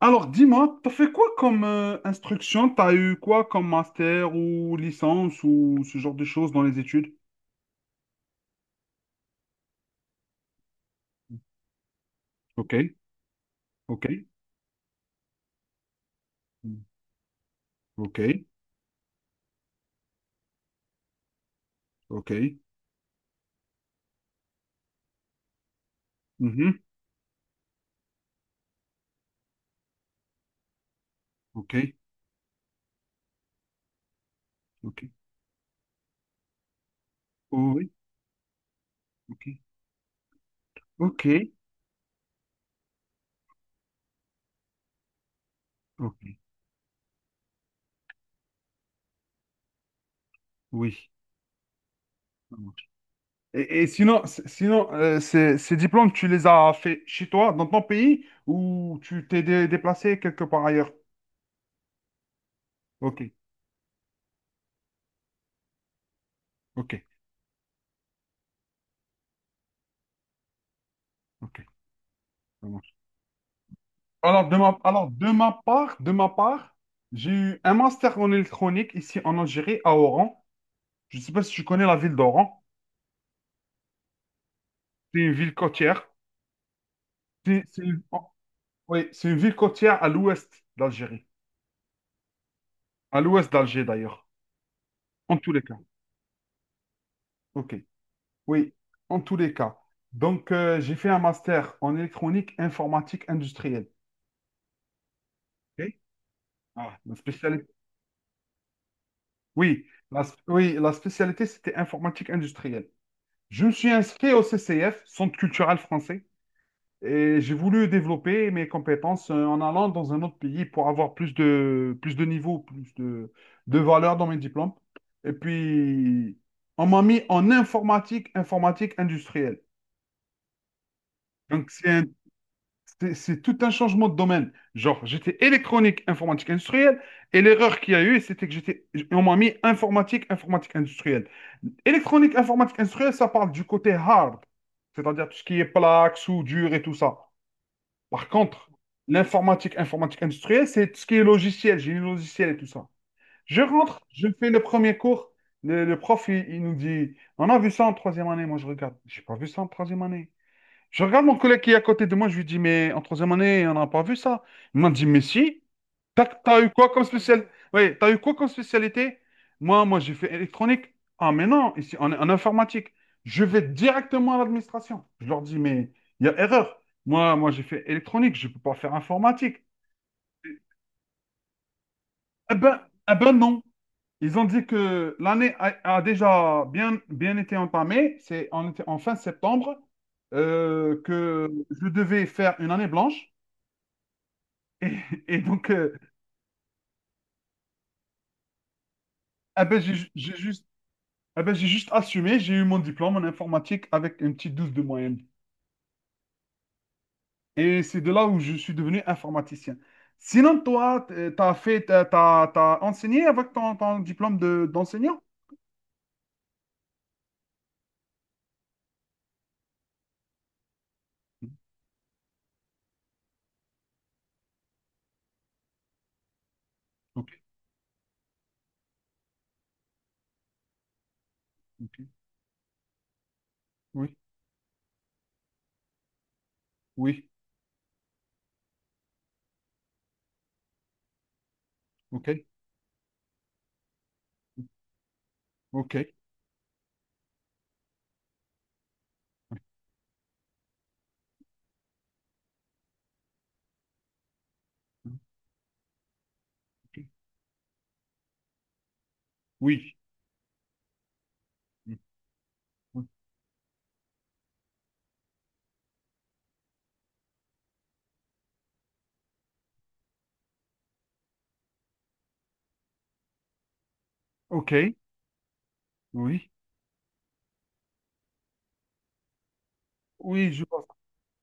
Alors, dis-moi, t'as fait quoi comme instruction? T'as eu quoi comme master ou licence ou ce genre de choses dans les études? Ok, ok, mm, ok, ok, mhm, ok, ok, oh oui, ok, ok, ok, oui. Ça marche. Et sinon, sinon ces diplômes, tu les as fait chez toi, dans ton pays, ou tu t'es déplacé quelque part ailleurs? Ok, ok, ok. Ça marche. Alors, de ma part, j'ai eu un master en électronique ici en Algérie, à Oran. Je ne sais pas si tu connais la ville d'Oran. C'est une ville côtière. C'est une, oh, oui, c'est une ville côtière à l'ouest d'Algérie. À l'ouest d'Alger, d'ailleurs. En tous les cas. OK. Oui, en tous les cas. Donc, j'ai fait un master en électronique informatique industrielle. OK. Ah, la spécialité. Oui, la spécialité, c'était informatique industrielle. Je me suis inscrit au CCF, Centre culturel français. Et j'ai voulu développer mes compétences en allant dans un autre pays pour avoir plus de niveau, plus de valeur dans mes diplômes. Et puis, on m'a mis en informatique, informatique industrielle. Donc, c'est tout un changement de domaine. Genre, j'étais électronique, informatique industrielle, et l'erreur qu'il y a eu, c'était que on m'a mis informatique, informatique industrielle. Électronique, informatique industrielle, ça parle du côté hard, c'est-à-dire tout ce qui est plaques, soudure et tout ça. Par contre, l'informatique, informatique industrielle, c'est tout ce qui est logiciel, génie logiciel et tout ça. Je rentre, je fais le premier cours. Le prof, il nous dit, on a vu ça en troisième année. Moi, je regarde, j'ai pas vu ça en troisième année. Je regarde mon collègue qui est à côté de moi, je lui dis, mais en troisième année, on n'a pas vu ça. Il m'a dit, mais si. T'as eu quoi comme spécialité? J'ai fait électronique. Ah, mais non, ici, en informatique. Je vais directement à l'administration. Je leur dis, mais il y a erreur. J'ai fait électronique. Je ne peux pas faire informatique. Eh ben, eh ben non. Ils ont dit que l'année a déjà bien été entamée. C'est en fin septembre que je devais faire une année blanche. Et, et donc, j'ai juste eh ben, j'ai juste assumé, j'ai eu mon diplôme en informatique avec une petite 12 de moyenne. Et c'est de là où je suis devenu informaticien. Sinon, toi, t- t'as fait, t'as, t'as- t'as enseigné avec ton diplôme d'enseignant? Mhm. Ok, ok, oui, oui, ok, ok, ok, oui, oui, oui. Ok, oui, oui, je pense.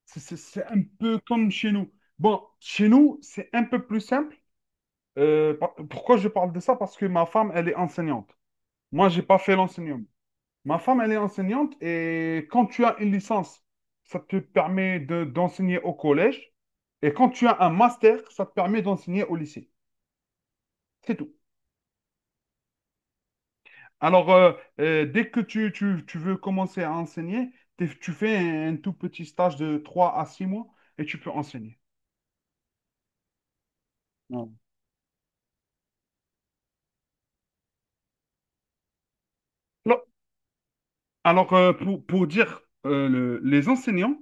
C'est un peu comme chez nous. Bon, chez nous, c'est un peu plus simple. Pourquoi je parle de ça? Parce que ma femme, elle est enseignante. Moi, j'ai pas fait l'enseignant. Ma femme, elle est enseignante et quand tu as une licence, ça te permet d'enseigner au collège. Et quand tu as un master, ça te permet d'enseigner au lycée. C'est tout. Alors, dès que tu veux commencer à enseigner, tu fais un tout petit stage de 3 à 6 mois et tu peux enseigner. Ouais. Alors, alors, pour dire les enseignants,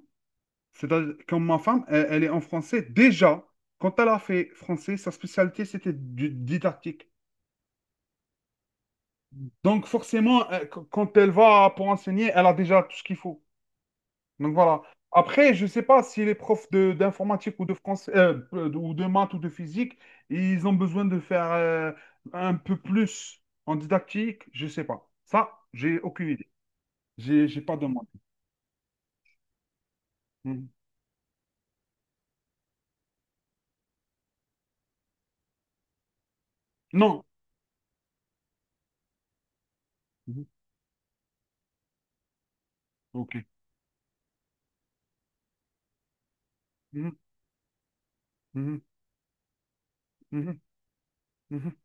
c'est-à-dire comme ma femme, elle est en français déjà. Quand elle a fait français, sa spécialité, c'était didactique. Donc forcément, quand elle va pour enseigner, elle a déjà tout ce qu'il faut. Donc voilà. Après, je ne sais pas si les profs d'informatique ou de français ou de maths ou de physique, ils ont besoin de faire un peu plus en didactique. Je ne sais pas. Ça, j'ai aucune idée. J'ai pas demandé. Mhm. Non. Mhm. Ok. Mhm. Mhm. Mhm. Mhm.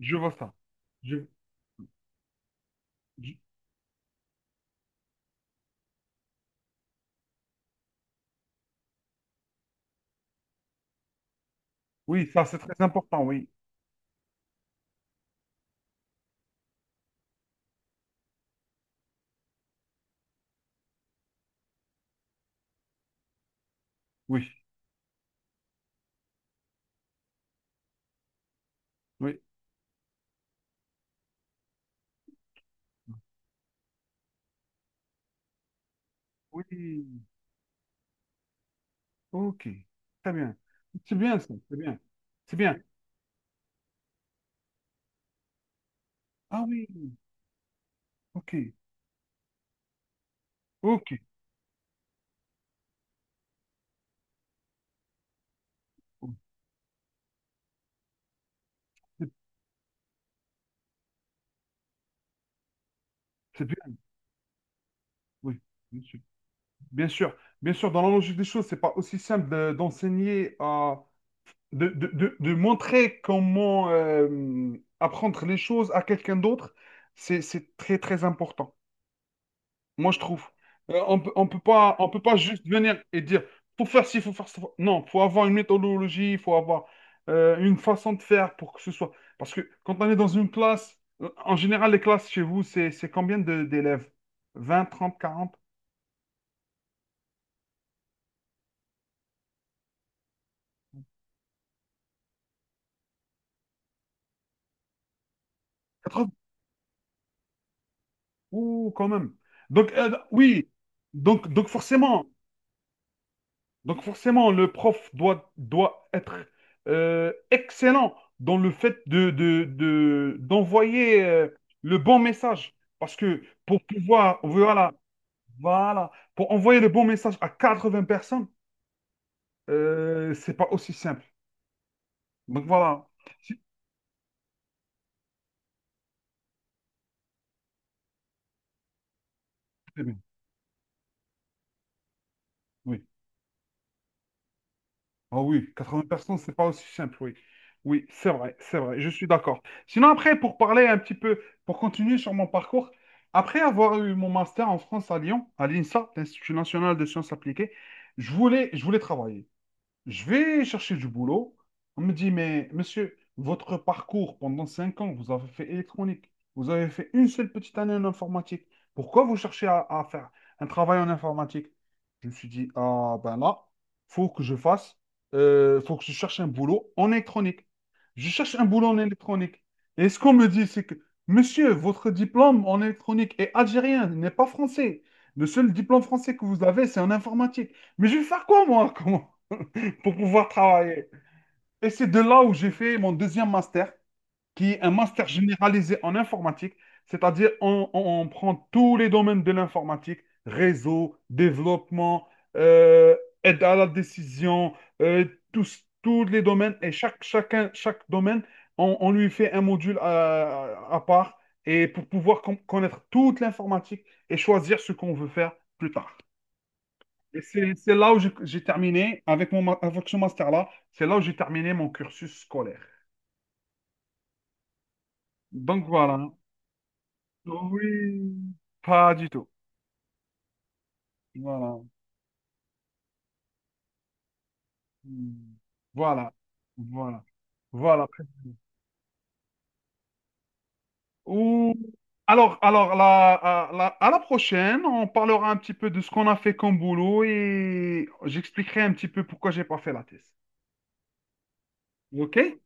Je vois ça. Je- je- Oui, ça c'est très important. Oui. Oui. Oui. Oui. Ok, très bien. C'est bien ça, c'est bien. C'est bien. Ah oui, ok, ok. Oh, C'est c'est bien, oui, bien sûr. Bien sûr, bien sûr, dans la logique des choses, c'est pas aussi simple d'enseigner à... De montrer comment apprendre les choses à quelqu'un d'autre, c'est très important. Moi, je trouve. On peut pas juste venir et dire, faut faire ci, faut faire ça. Non, faut avoir une méthodologie, il faut avoir une façon de faire pour que ce soit. Parce que quand on est dans une classe, en général, les classes chez vous, c'est combien d'élèves? 20, 30, 40, 80? Ouh, quand même. Donc, oui. Donc, donc forcément, Donc forcément, le prof, doit être excellent dans le fait d'envoyer le bon message. Parce que pour pouvoir, voilà, pour envoyer le bon message à 80 personnes, c'est pas aussi simple. Donc voilà. Si- Oui. Ah oui, 80 personnes, c'est pas aussi simple, oui. Oui, c'est vrai, je suis d'accord. Sinon, après, pour parler un petit peu, pour continuer sur mon parcours, après avoir eu mon master en France à Lyon, à l'INSA, l'Institut national de sciences appliquées, je voulais travailler. Je vais chercher du boulot. On me dit, mais monsieur, votre parcours pendant 5 ans, vous avez fait électronique, vous avez fait une seule petite année en informatique. Pourquoi vous cherchez à faire un travail en informatique? Je me suis dit, ah ben là, faut que je fasse, faut que je cherche un boulot en électronique. Je cherche un boulot en électronique. Et ce qu'on me dit, c'est que, monsieur, votre diplôme en électronique est algérien, n'est pas français. Le seul diplôme français que vous avez, c'est en informatique. Mais je vais faire quoi, moi? Comment? Pour pouvoir travailler. Et c'est de là où j'ai fait mon deuxième master, qui est un master généralisé en informatique, c'est-à-dire on prend tous les domaines de l'informatique, réseau, développement, euh, aide à la décision, euh, tous les domaines, et chaque domaine, on lui fait un module à part, et pour pouvoir connaître toute l'informatique et choisir ce qu'on veut faire plus tard. Et c'est là où j'ai terminé, avec ce master-là, c'est là où j'ai terminé mon cursus scolaire. Donc voilà. Oui, pas du tout. Voilà. Hmm. Voilà. Voilà. Voilà. Ou... Alors, alors la- à la prochaine, on parlera un petit peu de ce qu'on a fait comme boulot et j'expliquerai un petit peu pourquoi j'ai pas fait la thèse. OK?